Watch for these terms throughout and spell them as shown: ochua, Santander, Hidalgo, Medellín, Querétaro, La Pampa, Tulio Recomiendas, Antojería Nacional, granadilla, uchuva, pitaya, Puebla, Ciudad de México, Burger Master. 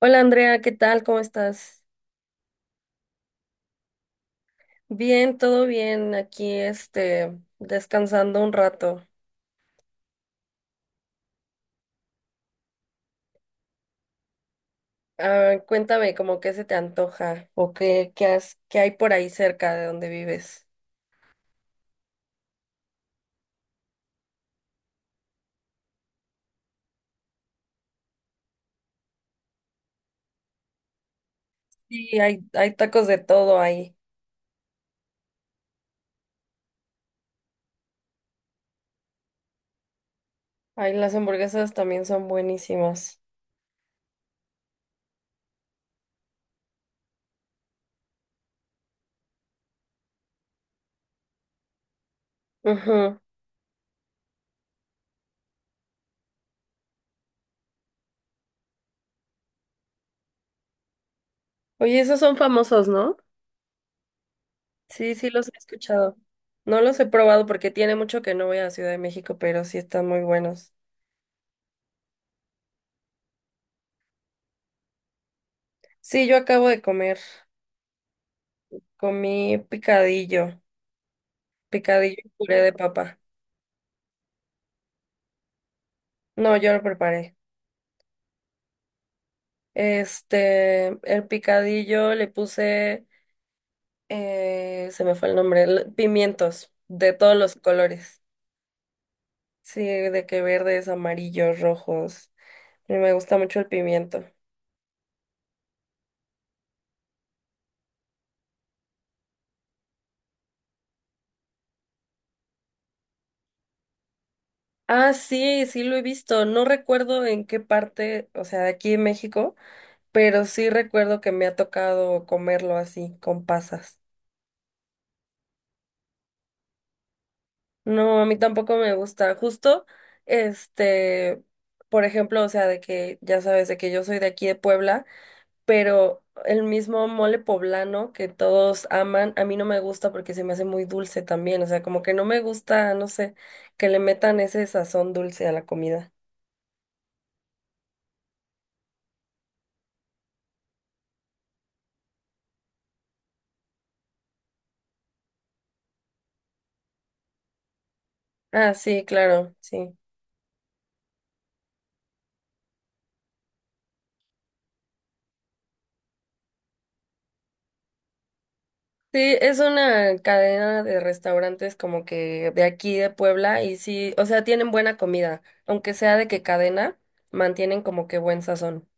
Hola Andrea, ¿qué tal? ¿Cómo estás? Bien, todo bien. Aquí, descansando un rato. Ah, cuéntame, ¿cómo qué se te antoja o qué, qué hay por ahí cerca de donde vives? Sí, hay tacos de todo ahí. Ay, las hamburguesas también son buenísimas. Ujú. Oye, esos son famosos, ¿no? Sí, sí los he escuchado. No los he probado porque tiene mucho que no voy a Ciudad de México, pero sí están muy buenos. Sí, yo acabo de comer. Comí picadillo. Picadillo y puré de papa. No, yo lo preparé. El picadillo le puse, se me fue el nombre, pimientos de todos los colores. Sí, de que verdes, amarillos, rojos. Y me gusta mucho el pimiento. Ah, sí, sí lo he visto. No recuerdo en qué parte, o sea, de aquí en México, pero sí recuerdo que me ha tocado comerlo así, con pasas. No, a mí tampoco me gusta. Justo, este, por ejemplo, o sea, de que ya sabes, de que yo soy de aquí de Puebla, pero el mismo mole poblano que todos aman, a mí no me gusta porque se me hace muy dulce también. O sea, como que no me gusta, no sé, que le metan ese sazón dulce a la comida. Ah, sí, claro, sí. Sí, es una cadena de restaurantes como que de aquí de Puebla y sí, o sea, tienen buena comida, aunque sea de qué cadena, mantienen como que buen sazón.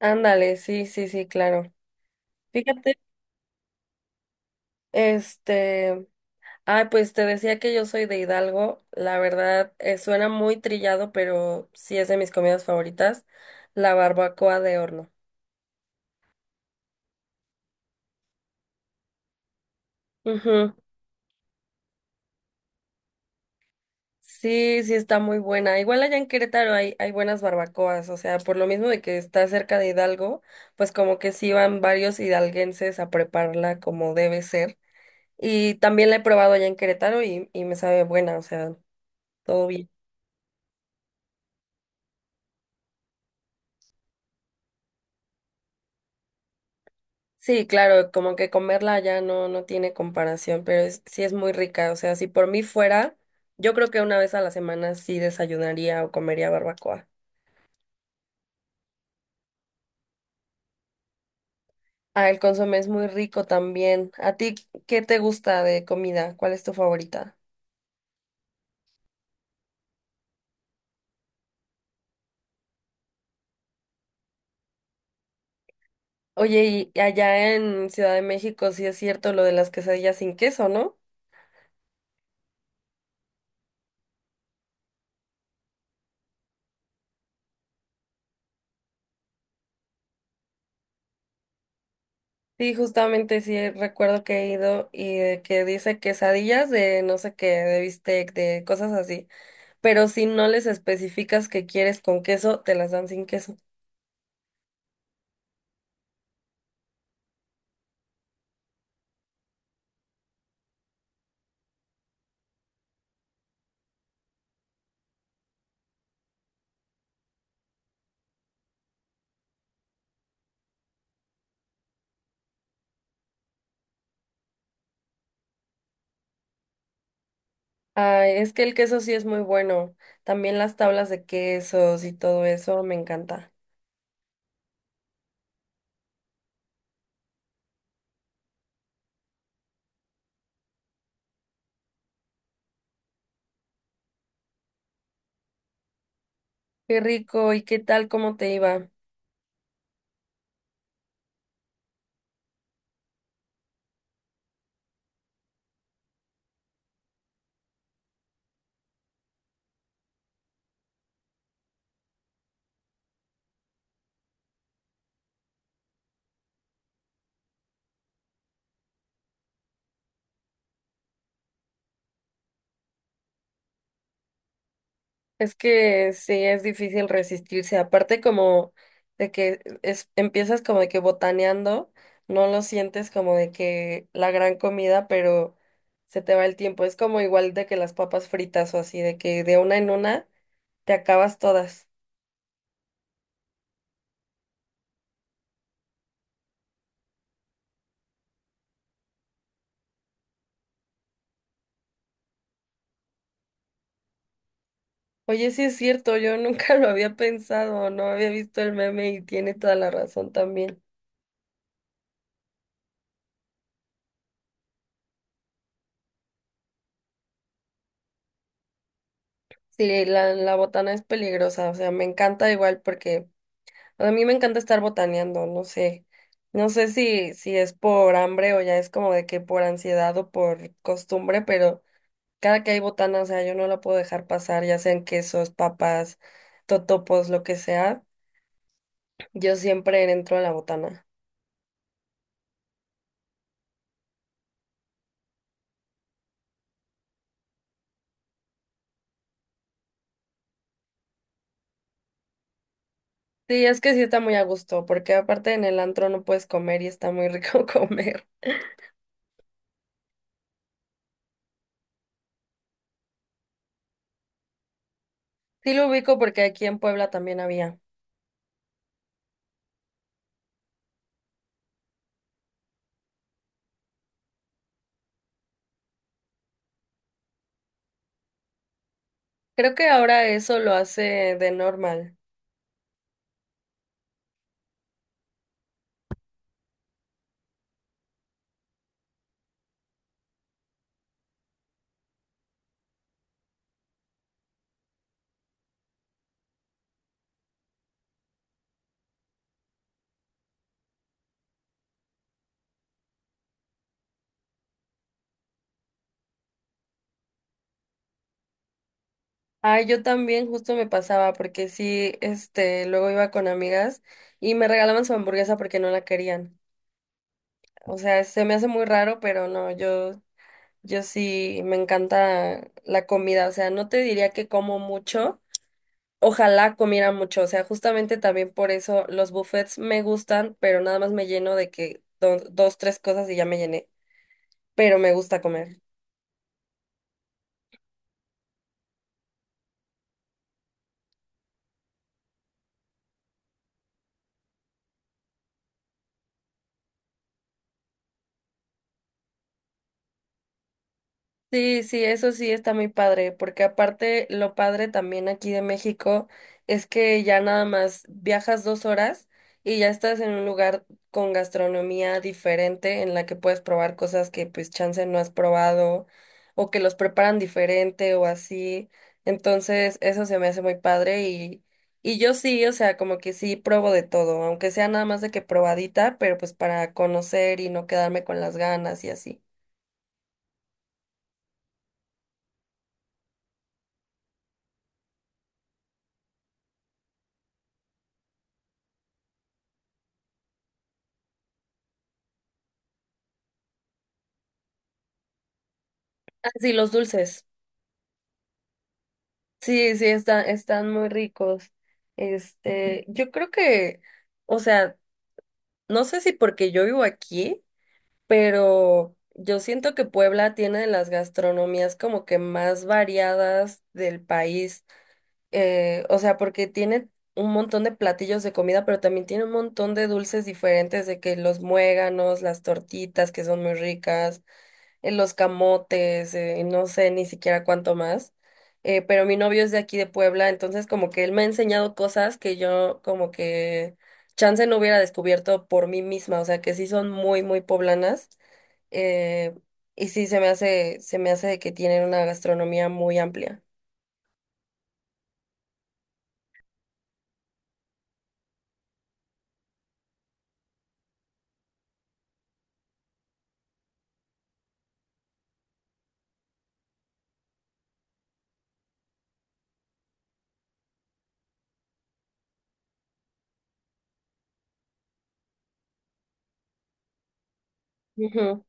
Ándale, sí, sí, sí, claro. Fíjate, este, ay, pues te decía que yo soy de Hidalgo, la verdad, suena muy trillado, pero sí es de mis comidas favoritas, la barbacoa de horno. Ujú. Sí, sí está muy buena. Igual allá en Querétaro hay buenas barbacoas, o sea, por lo mismo de que está cerca de Hidalgo, pues como que sí van varios hidalguenses a prepararla como debe ser. Y también la he probado allá en Querétaro y me sabe buena, o sea, todo bien. Sí, claro, como que comerla ya no tiene comparación, pero sí es muy rica. O sea, si por mí fuera, yo creo que una vez a la semana sí desayunaría o comería barbacoa. Ah, el consomé es muy rico también. ¿A ti qué te gusta de comida? ¿Cuál es tu favorita? Oye, y allá en Ciudad de México sí es cierto lo de las quesadillas sin queso, ¿no? Sí, justamente sí recuerdo que he ido y que dice quesadillas de no sé qué, de bistec, de cosas así, pero si no les especificas que quieres con queso, te las dan sin queso. Ay, es que el queso sí es muy bueno. También las tablas de quesos y todo eso me encanta. Qué rico, ¿y qué tal? ¿Cómo te iba? Es que sí es difícil resistirse. Aparte como de que es, empiezas como de que botaneando, no lo sientes como de que la gran comida, pero se te va el tiempo. Es como igual de que las papas fritas o así, de que de una en una te acabas todas. Oye, sí es cierto, yo nunca lo había pensado, no había visto el meme y tiene toda la razón también. Sí, la botana es peligrosa, o sea, me encanta igual porque a mí me encanta estar botaneando, no sé, no sé si es por hambre o ya es como de que por ansiedad o por costumbre, pero cada que hay botana, o sea, yo no la puedo dejar pasar, ya sean quesos, papas, totopos, lo que sea, yo siempre entro a la botana. Sí, es que sí está muy a gusto, porque aparte en el antro no puedes comer y está muy rico comer. Sí lo ubico porque aquí en Puebla también había. Creo que ahora eso lo hace de normal. Ah, yo también justo me pasaba porque sí, luego iba con amigas y me regalaban su hamburguesa porque no la querían. O sea, se me hace muy raro, pero no, yo sí me encanta la comida. O sea, no te diría que como mucho. Ojalá comiera mucho, o sea, justamente también por eso los buffets me gustan, pero nada más me lleno de que dos, tres cosas y ya me llené, pero me gusta comer. Sí, sí, eso sí está muy padre, porque aparte lo padre también aquí de México es que ya nada más viajas dos horas y ya estás en un lugar con gastronomía diferente en la que puedes probar cosas que pues chance no has probado o que los preparan diferente o así. Entonces, eso se me hace muy padre y yo sí, o sea, como que sí probo de todo, aunque sea nada más de que probadita, pero pues para conocer y no quedarme con las ganas y así. Ah, sí, los dulces. Sí, sí, están muy ricos. Yo creo que, o sea, no sé si porque yo vivo aquí, pero yo siento que Puebla tiene de las gastronomías como que más variadas del país. O sea, porque tiene un montón de platillos de comida, pero también tiene un montón de dulces diferentes, de que los muéganos, las tortitas, que son muy ricas, los camotes, no sé ni siquiera cuánto más. Pero mi novio es de aquí de Puebla, entonces como que él me ha enseñado cosas que yo como que chance no hubiera descubierto por mí misma, o sea que sí son muy, muy poblanas. eh, se me hace de que tienen una gastronomía muy amplia. Ujú.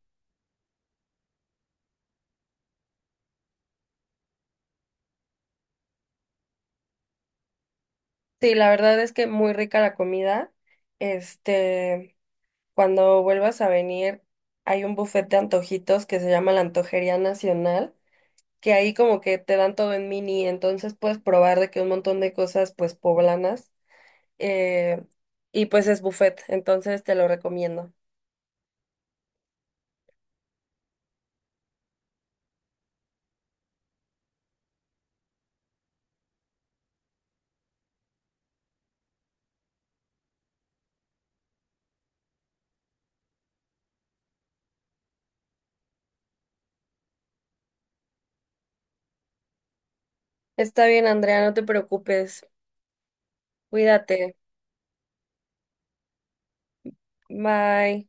Sí, la verdad es que muy rica la comida. Este, cuando vuelvas a venir, hay un buffet de antojitos que se llama la Antojería Nacional que ahí como que te dan todo en mini, entonces puedes probar de que un montón de cosas pues poblanas, eh, y pues es buffet, entonces te lo recomiendo. Está bien, Andrea, no te preocupes, cuídate, bye.